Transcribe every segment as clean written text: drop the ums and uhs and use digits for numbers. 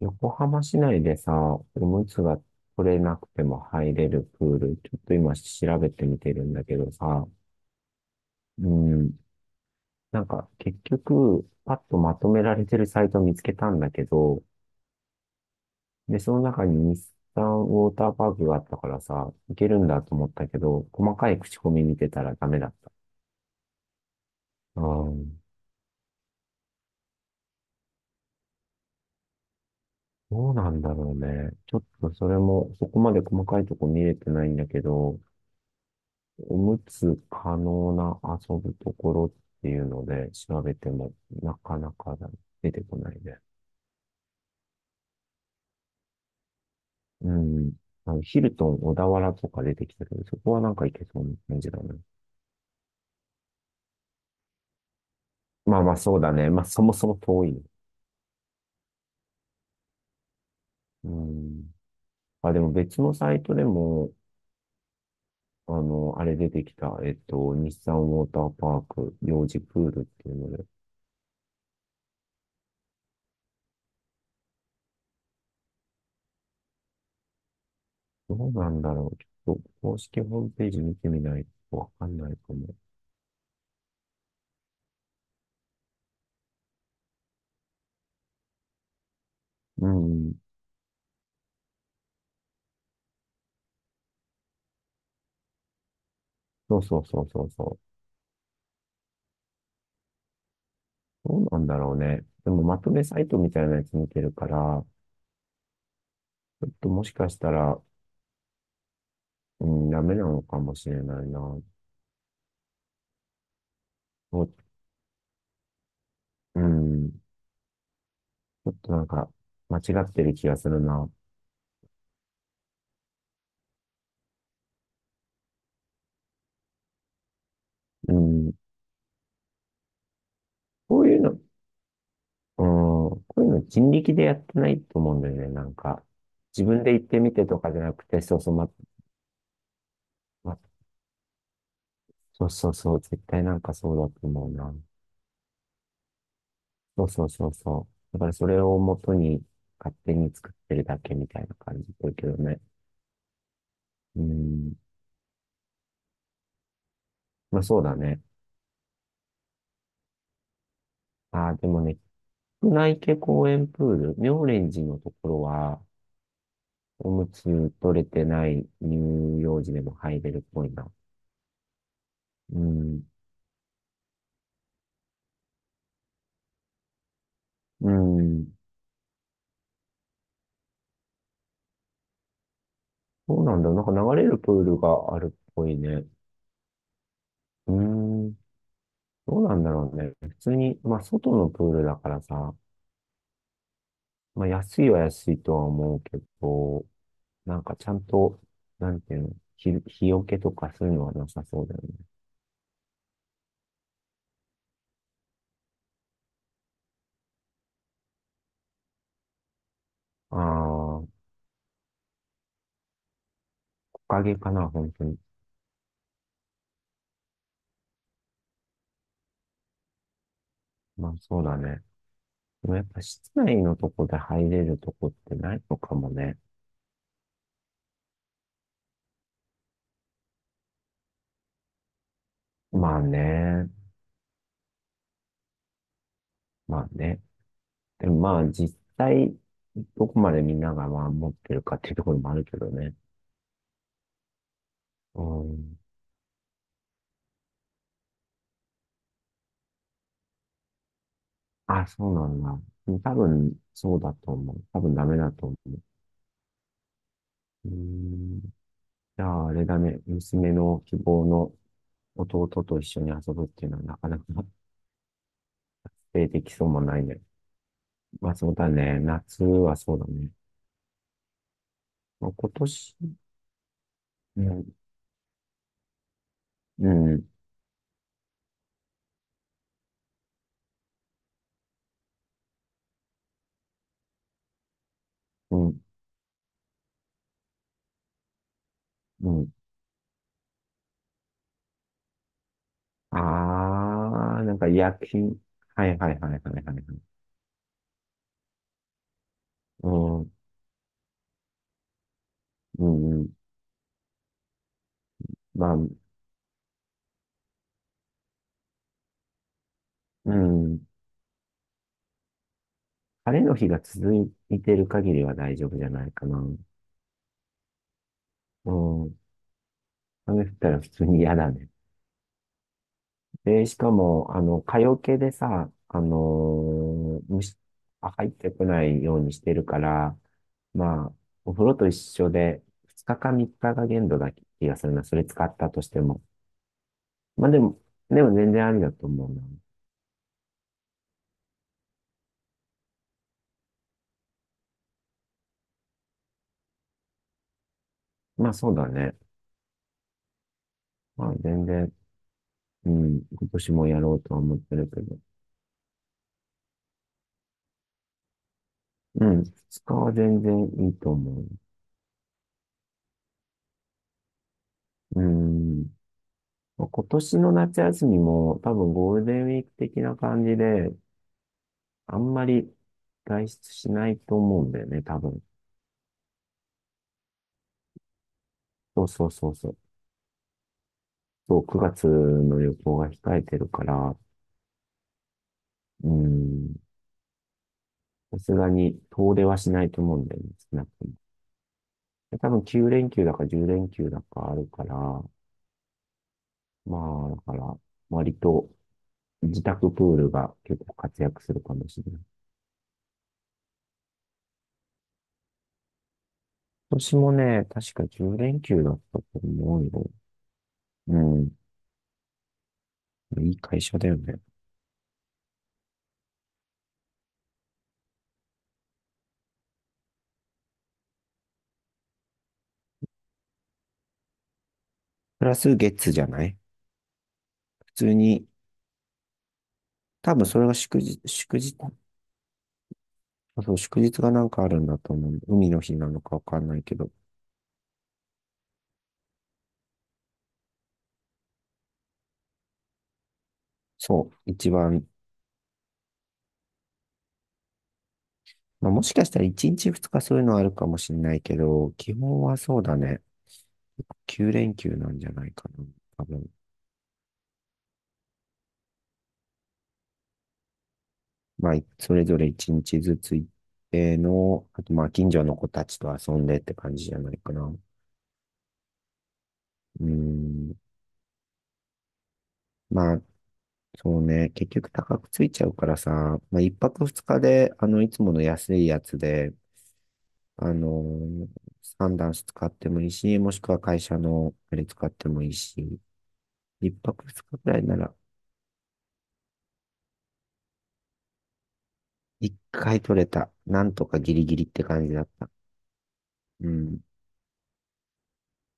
横浜市内でさ、おむつが取れなくても入れるプール、ちょっと今調べてみてるんだけどさ。うん。なんか結局、パッとまとめられてるサイト見つけたんだけど、で、その中に日産ウォーターパークがあったからさ、いけるんだと思ったけど、細かい口コミ見てたらダメだった。うん。どうなんだろうね。ちょっとそれも、そこまで細かいとこ見れてないんだけど、おむつ可能な遊ぶところっていうので調べてもなかなか出てこないね。うん。あのヒルトン小田原とか出てきたけど、そこはなんか行けそうな感じだね。まあまあそうだね。まあそもそも遠いね。うん。あ、でも別のサイトでも、あれ出てきた、日産ウォーターパーク、幼児プールっていうので、どうなんだろう。ちょっと公式ホームページ見てみないとわかんないかも。うん。そうそうそうそうそう。どうなんだろうね。でもまとめサイトみたいなやつ見てるから、ちょっともしかしたら、うん、ダメなのかもしれないな。お、うん、ちょっとなんか、間違ってる気がするな。うん、こういうの、うん、こういうの人力でやってないと思うんだよね。なんか、自分で行ってみてとかじゃなくて、そうそう、ま、そうそうそう、絶対なんかそうだと思うな。そうそうそうそう。だからそれを元に勝手に作ってるだけみたいな感じだけどね。うん。まあそうだね。ああ、でもね、内家公園プール、妙蓮寺のところは、おむつ取れてない乳幼児でも入れるっぽいな。うん。うん。そうなんだ。なんか流れるプールがあるっぽいね。うん。どうなんだろうね。普通に、まあ外のプールだからさ、まあ安いは安いとは思うけど、なんかちゃんと、なんていうの、日よけとかそういうのはなさそうだよね。ああ、木陰かな、本当に。まあそうだね。でもやっぱ室内のとこで入れるとこってないのかもね。まあね。まあね。でもまあ実際、どこまでみんながまあ持ってるかっていうところもあるけどね。うん。あ、そうなんだ。多分、そうだと思う。多分ダメだと思う。うーん。じゃあ、あれだね。娘の希望の弟と一緒に遊ぶっていうのはなかなか発生できそうもないね。まあそうだね。夏はそうだね。まあ、今年、うん、うん、うん、うん。ああ、なんか薬品。はいはいはいはいはいはい。うん、うん、うん。まあ、うん。晴れの日が続いてる限りは大丈夫じゃないかな。うん。雨降ったら普通に嫌だね。で、しかも、蚊よけでさ、虫、あ入ってこないようにしてるから、まあ、お風呂と一緒で、2日か3日が限度だ気がするな。それ使ったとしても。まあでも全然ありだと思うな。まあそうだね。まあ全然、うん、今年もやろうとは思ってるけど。うん、2日は全然いいと思う。うん。まあ今年の夏休みも多分ゴールデンウィーク的な感じで、あんまり外出しないと思うんだよね、多分。そうそうそうそう。そう、9月の旅行が控えてるから、うん、さすがに遠出はしないと思うんだよね、少なくとも。で多分9連休だか10連休だかあるから、まあ、だから、割と自宅プールが結構活躍するかもしれない。今年もね、確か10連休だったと思うよ。うん。いい会社だよね。プラス月じゃない普通に、多分それが祝日、あそう、祝日がなんかあるんだと思う。海の日なのかわかんないけど。そう、一番、まあ、もしかしたら1日2日そういうのあるかもしれないけど、基本はそうだね。9連休なんじゃないかな。多分。まあ、それぞれ一日ずつ行っての、あとまあ、近所の子たちと遊んでって感じじゃないかな。うん。まあ、そうね。結局高くついちゃうからさ、まあ、一泊二日で、いつもの安いやつで、あのー、サンダンス使ってもいいし、もしくは会社のあれ使ってもいいし、一泊二日くらいなら、一回取れた。なんとかギリギリって感じだった。うん。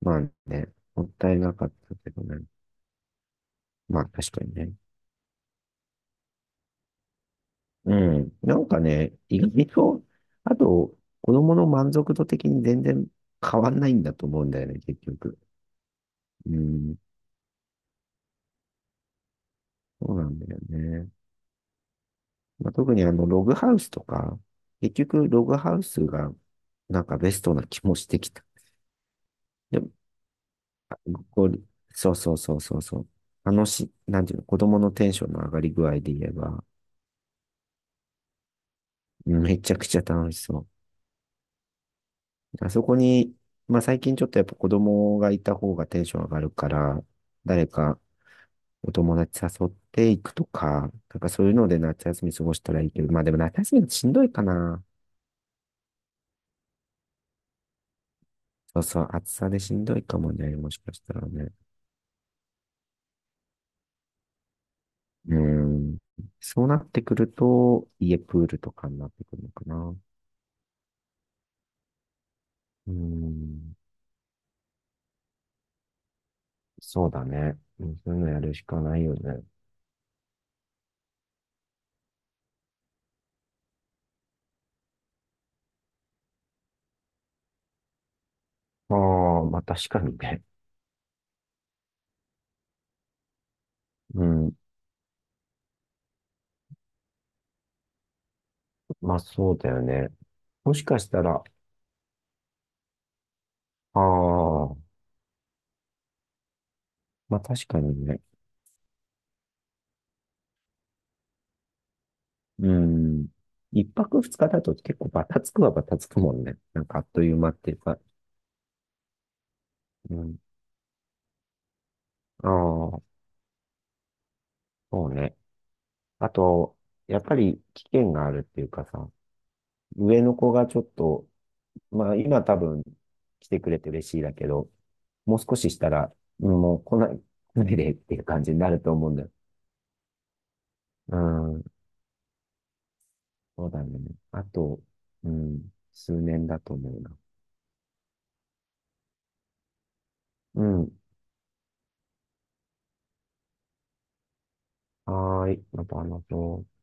まあね、もったいなかったけどね。まあ確かにね。うん。なんかね、意外と、あと、子供の満足度的に全然変わんないんだと思うんだよね、結局。うん。そうなんだよね。まあ、特にログハウスとか、結局、ログハウスが、なんかベストな気もしてきた。でも、あこう、そうそうそうそうそう。楽しい、なんていうの、子供のテンションの上がり具合で言えば、うんめちゃくちゃ楽しそう。あそこに、まあ最近ちょっとやっぱ子供がいた方がテンション上がるから、誰か、お友達誘っていくとか、なんかそういうので夏休み過ごしたらいいけど、まあでも夏休みだとしんどいかな。そうそう、暑さでしんどいかもね、もしかしたらね。うん。そうなってくると、家プールとかになってくるのかな。うん。そうだね。うんそういうのやるしかないよね。ああ、まあ確かにね。うん。まあそうだよね。もしかしたら、ああ、まあ確かにね、うん。一泊二日だと結構バタつくはバタつくもんね。なんかあっという間っていうか。うん。ああ、そうね。あと、やっぱり危険があるっていうかさ、上の子がちょっと、まあ今多分来てくれて嬉しいだけど、もう少ししたら、うんもう来ないでっていう感じになると思うんだよ。うん。そうだね。あと、うん、数年だと思うな。うん。はーい。また話そう。